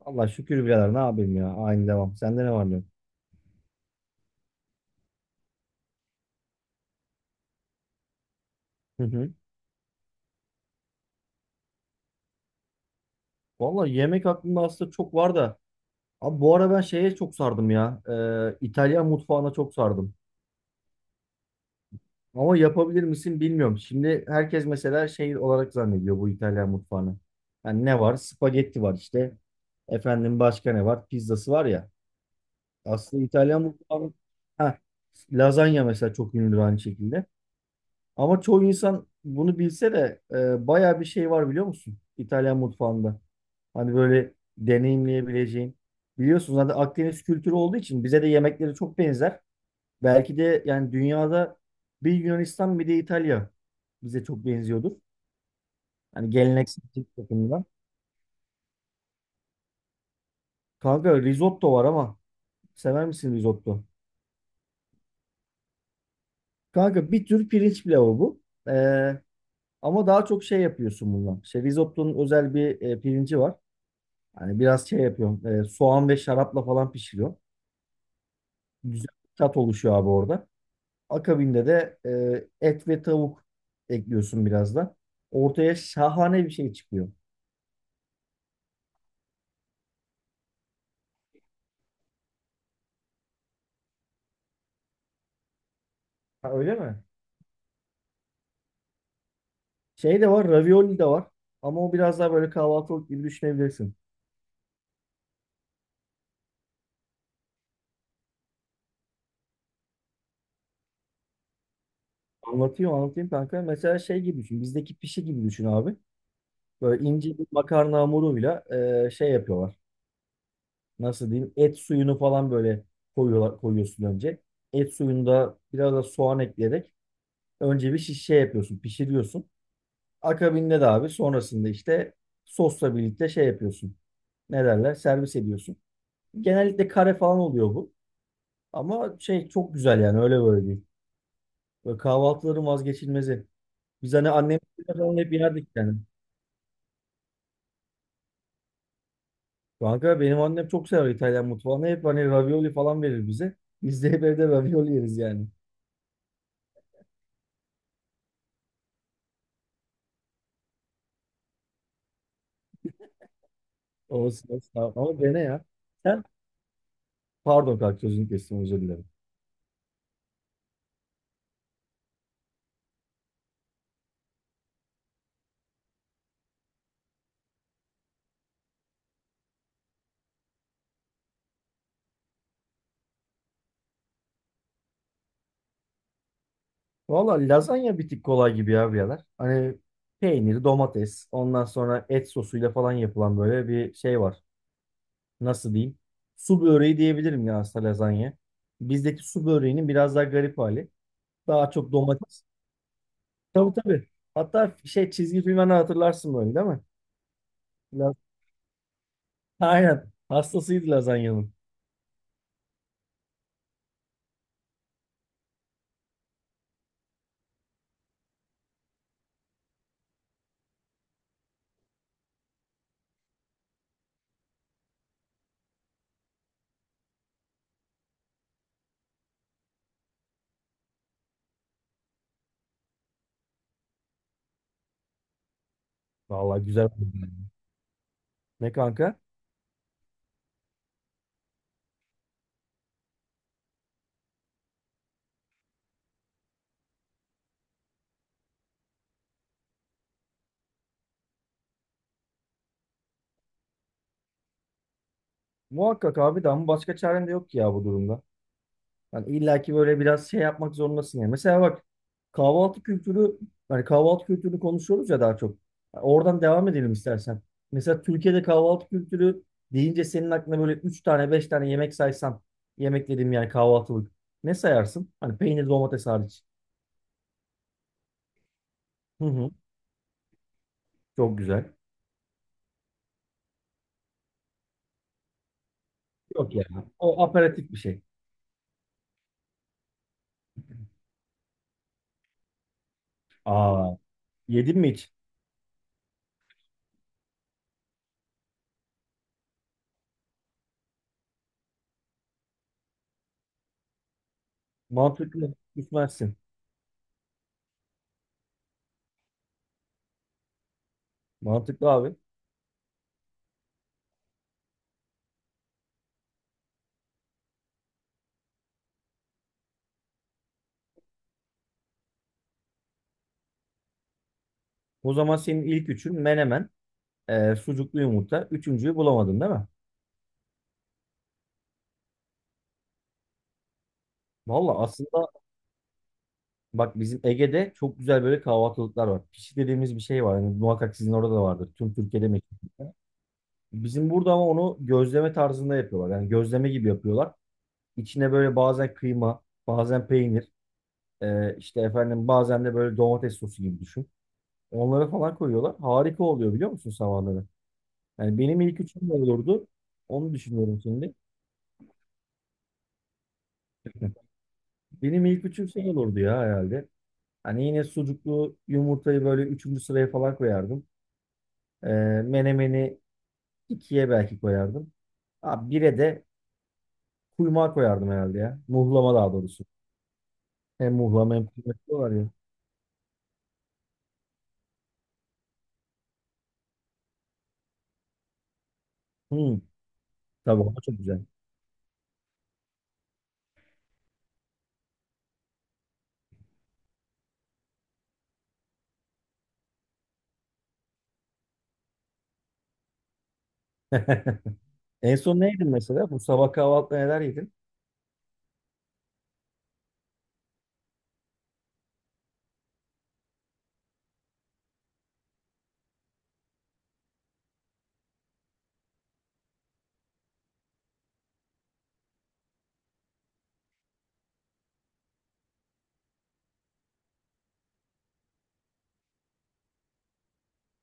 Allah şükür birader ne yapayım ya. Aynı devam. Sende ne var ne yok? Hı hı. Valla yemek aklımda aslında çok var da. Abi bu ara ben şeye çok sardım ya. İtalyan mutfağına çok sardım. Ama yapabilir misin bilmiyorum. Şimdi herkes mesela şey olarak zannediyor bu İtalyan mutfağını. Yani ne var? Spagetti var işte. Efendim başka ne var? Pizzası var ya. Aslında İtalyan mutfağı... Ha, lazanya mesela çok ünlüdür aynı şekilde. Ama çoğu insan bunu bilse de bayağı bir şey var biliyor musun? İtalyan mutfağında. Hani böyle deneyimleyebileceğin. Biliyorsunuz zaten Akdeniz kültürü olduğu için bize de yemekleri çok benzer. Belki de yani dünyada bir Yunanistan bir de İtalya bize çok benziyordur. Hani geleneksellik bakımından. Kanka risotto var ama sever misin risotto? Kanka bir tür pirinç pilavı bu. Ee, ama daha çok şey yapıyorsun bundan. İşte risottonun özel bir pirinci var. Hani biraz şey yapıyorum. Soğan ve şarapla falan pişiriyor. Güzel bir tat oluşuyor abi orada. Akabinde de et ve tavuk ekliyorsun biraz da. Ortaya şahane bir şey çıkıyor. Ha, öyle mi? Şey de var, ravioli de var. Ama o biraz daha böyle kahvaltılık gibi düşünebilirsin. Anlatayım kanka. Mesela şey gibi düşün. Bizdeki pişi gibi düşün abi. Böyle ince bir makarna hamuruyla şey yapıyorlar. Nasıl diyeyim? Et suyunu falan böyle koyuyorlar, koyuyorsun önce. Et suyunu da biraz da soğan ekleyerek önce bir şiş şey yapıyorsun, pişiriyorsun. Akabinde de abi sonrasında işte sosla birlikte şey yapıyorsun. Ne derler? Servis ediyorsun. Genellikle kare falan oluyor bu. Ama şey çok güzel yani öyle böyle değil. Böyle kahvaltıların vazgeçilmezi. Biz hani annem falan hep yerdik yani. Kanka benim annem çok sever İtalyan mutfağını. Hep hani ravioli falan verir bize. Biz de hep evde ravioli yeriz yani. Olsun. Ama dene ya. Sen pardon kanka sözünü kestim özür dilerim. Valla lazanya bir tık kolay gibi ya birader. Hani peynir, domates, ondan sonra et sosuyla falan yapılan böyle bir şey var. Nasıl diyeyim? Su böreği diyebilirim ya aslında lazanya. Bizdeki su böreğinin biraz daha garip hali. Daha çok domates. Tabii, tabii. Hatta şey çizgi filmden hatırlarsın böyle değil mi? La- Aynen. Hastasıydı lazanyanın. Valla güzel. Ne kanka? Muhakkak abi de ama başka çaren de yok ki ya bu durumda. Hani illaki böyle biraz şey yapmak zorundasın yani. Mesela bak kahvaltı kültürü hani kahvaltı kültürünü konuşuyoruz ya daha çok. Oradan devam edelim istersen. Mesela Türkiye'de kahvaltı kültürü deyince senin aklına böyle 3 tane 5 tane yemek saysan yemek dediğim yani kahvaltılık ne sayarsın? Hani peynir domates hariç. Hı hı. Çok güzel. Yok ya. O aperatif bir şey. Aa, yedin mi hiç? Mantıklı. Gitmezsin. Mantıklı abi. O zaman senin ilk üçün menemen, sucuklu yumurta. Üçüncüyü bulamadın değil mi? Valla aslında bak bizim Ege'de çok güzel böyle kahvaltılıklar var. Pişi dediğimiz bir şey var. Yani muhakkak sizin orada da vardır. Tüm Türkiye'de mi? Bizim burada ama onu gözleme tarzında yapıyorlar. Yani gözleme gibi yapıyorlar. İçine böyle bazen kıyma, bazen peynir, işte efendim bazen de böyle domates sosu gibi düşün. Onları falan koyuyorlar. Harika oluyor biliyor musun sabahları? Yani benim ilk üçüm ne olurdu? Onu düşünüyorum şimdi. Benim ilk üçüm şey olurdu ya herhalde. Hani yine sucuklu yumurtayı böyle üçüncü sıraya falan koyardım. Ee, menemeni ikiye belki koyardım. Abi bire de kuymağı koyardım herhalde ya. Muhlama daha doğrusu. Hem muhlama hem kuymak var ya. Hmm, tabii ama çok güzel. En son ne yedin mesela? Bu sabah kahvaltıda neler yedin?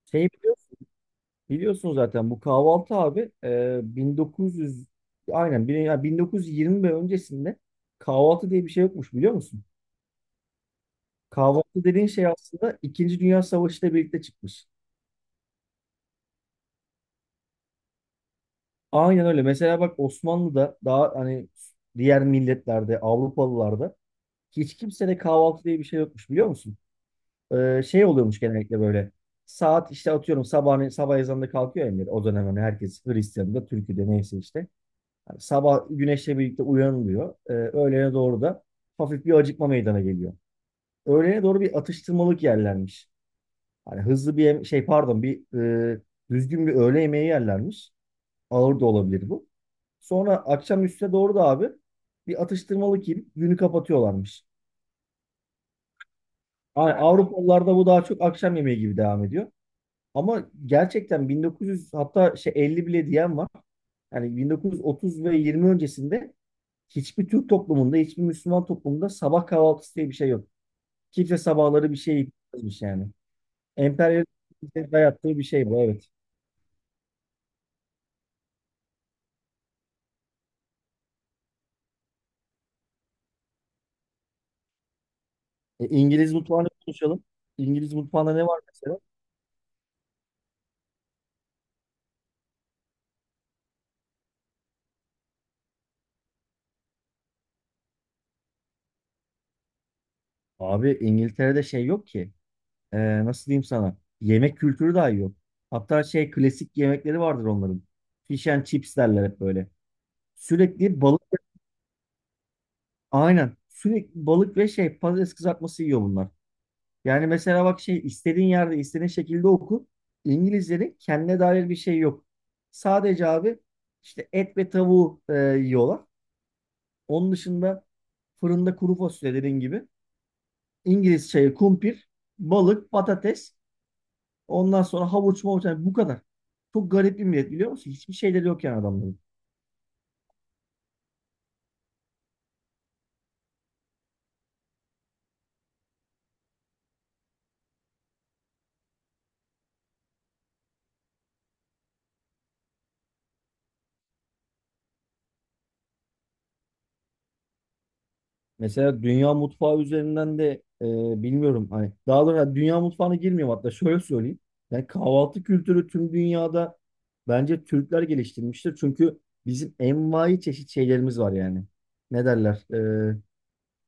Şey biliyorsun, zaten bu kahvaltı abi 1900, aynen, ya 1920 ve öncesinde kahvaltı diye bir şey yokmuş biliyor musun? Kahvaltı dediğin şey aslında İkinci Dünya Savaşı ile birlikte çıkmış. Aynen öyle. Mesela bak Osmanlı'da daha hani diğer milletlerde, Avrupalılarda hiç kimsede kahvaltı diye bir şey yokmuş biliyor musun? Şey oluyormuş genellikle böyle. Saat işte atıyorum sabah, sabah ezanında kalkıyor emir. O dönem hani herkes Hristiyan'da, Türkiye'de neyse işte. Yani sabah güneşle birlikte uyanılıyor. Öğlene doğru da hafif bir acıkma meydana geliyor. Öğlene doğru bir atıştırmalık yerlermiş. Hani hızlı bir yem- şey pardon bir e, düzgün bir öğle yemeği yerlermiş. Ağır da olabilir bu. Sonra akşam üstüne doğru da abi bir atıştırmalık yiyip günü kapatıyorlarmış. Yani, ha. Avrupalılarda bu daha çok akşam yemeği gibi devam ediyor. Ama gerçekten 1900, hatta şey 50 bile diyen var. Yani 1930 ve 20 öncesinde hiçbir Türk toplumunda, hiçbir Müslüman toplumunda sabah kahvaltısı diye bir şey yok. Kimse sabahları bir şey yapmış yani. Emperyalizmin dayattığı bir şey bu evet. E, İngiliz mutfağını konuşalım. İngiliz mutfağında ne var mesela? Abi İngiltere'de şey yok ki. Nasıl diyeyim sana yemek kültürü dahi yok. Hatta şey klasik yemekleri vardır onların. Fish and chips derler hep böyle. Sürekli balık, aynen sürekli balık ve şey patates kızartması yiyor bunlar. Yani mesela bak şey istediğin yerde istediğin şekilde oku. İngilizlerin kendine dair bir şey yok. Sadece abi işte et ve tavuğu yiyorlar. Onun dışında fırında kuru fasulye dediğin gibi. İngiliz çayı, kumpir, balık, patates. Ondan sonra havuç mavuç yani bu kadar. Çok garip bir millet biliyor musun? Hiçbir şeyleri yok yani adamların. Mesela dünya mutfağı üzerinden de e, bilmiyorum hani daha doğrusu yani dünya mutfağına girmiyorum hatta şöyle söyleyeyim. Yani kahvaltı kültürü tüm dünyada bence Türkler geliştirmiştir. Çünkü bizim envai çeşit şeylerimiz var yani. Ne derler? E,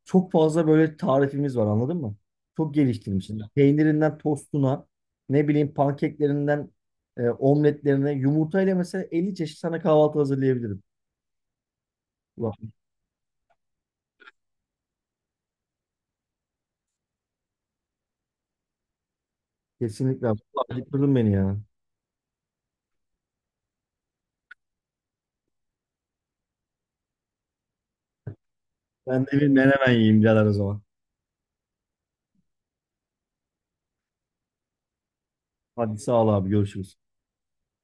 çok fazla böyle tarifimiz var anladın mı? Çok geliştirmişiz. Peynirinden tostuna, ne bileyim pankeklerinden omletlerine, yumurtayla mesela 50 çeşit sana kahvaltı hazırlayabilirim. Ulan kesinlikle, abi. Ulan bitirdin beni ya. Ben de bir menemen yiyeyim birader o zaman. Hadi sağ ol abi görüşürüz.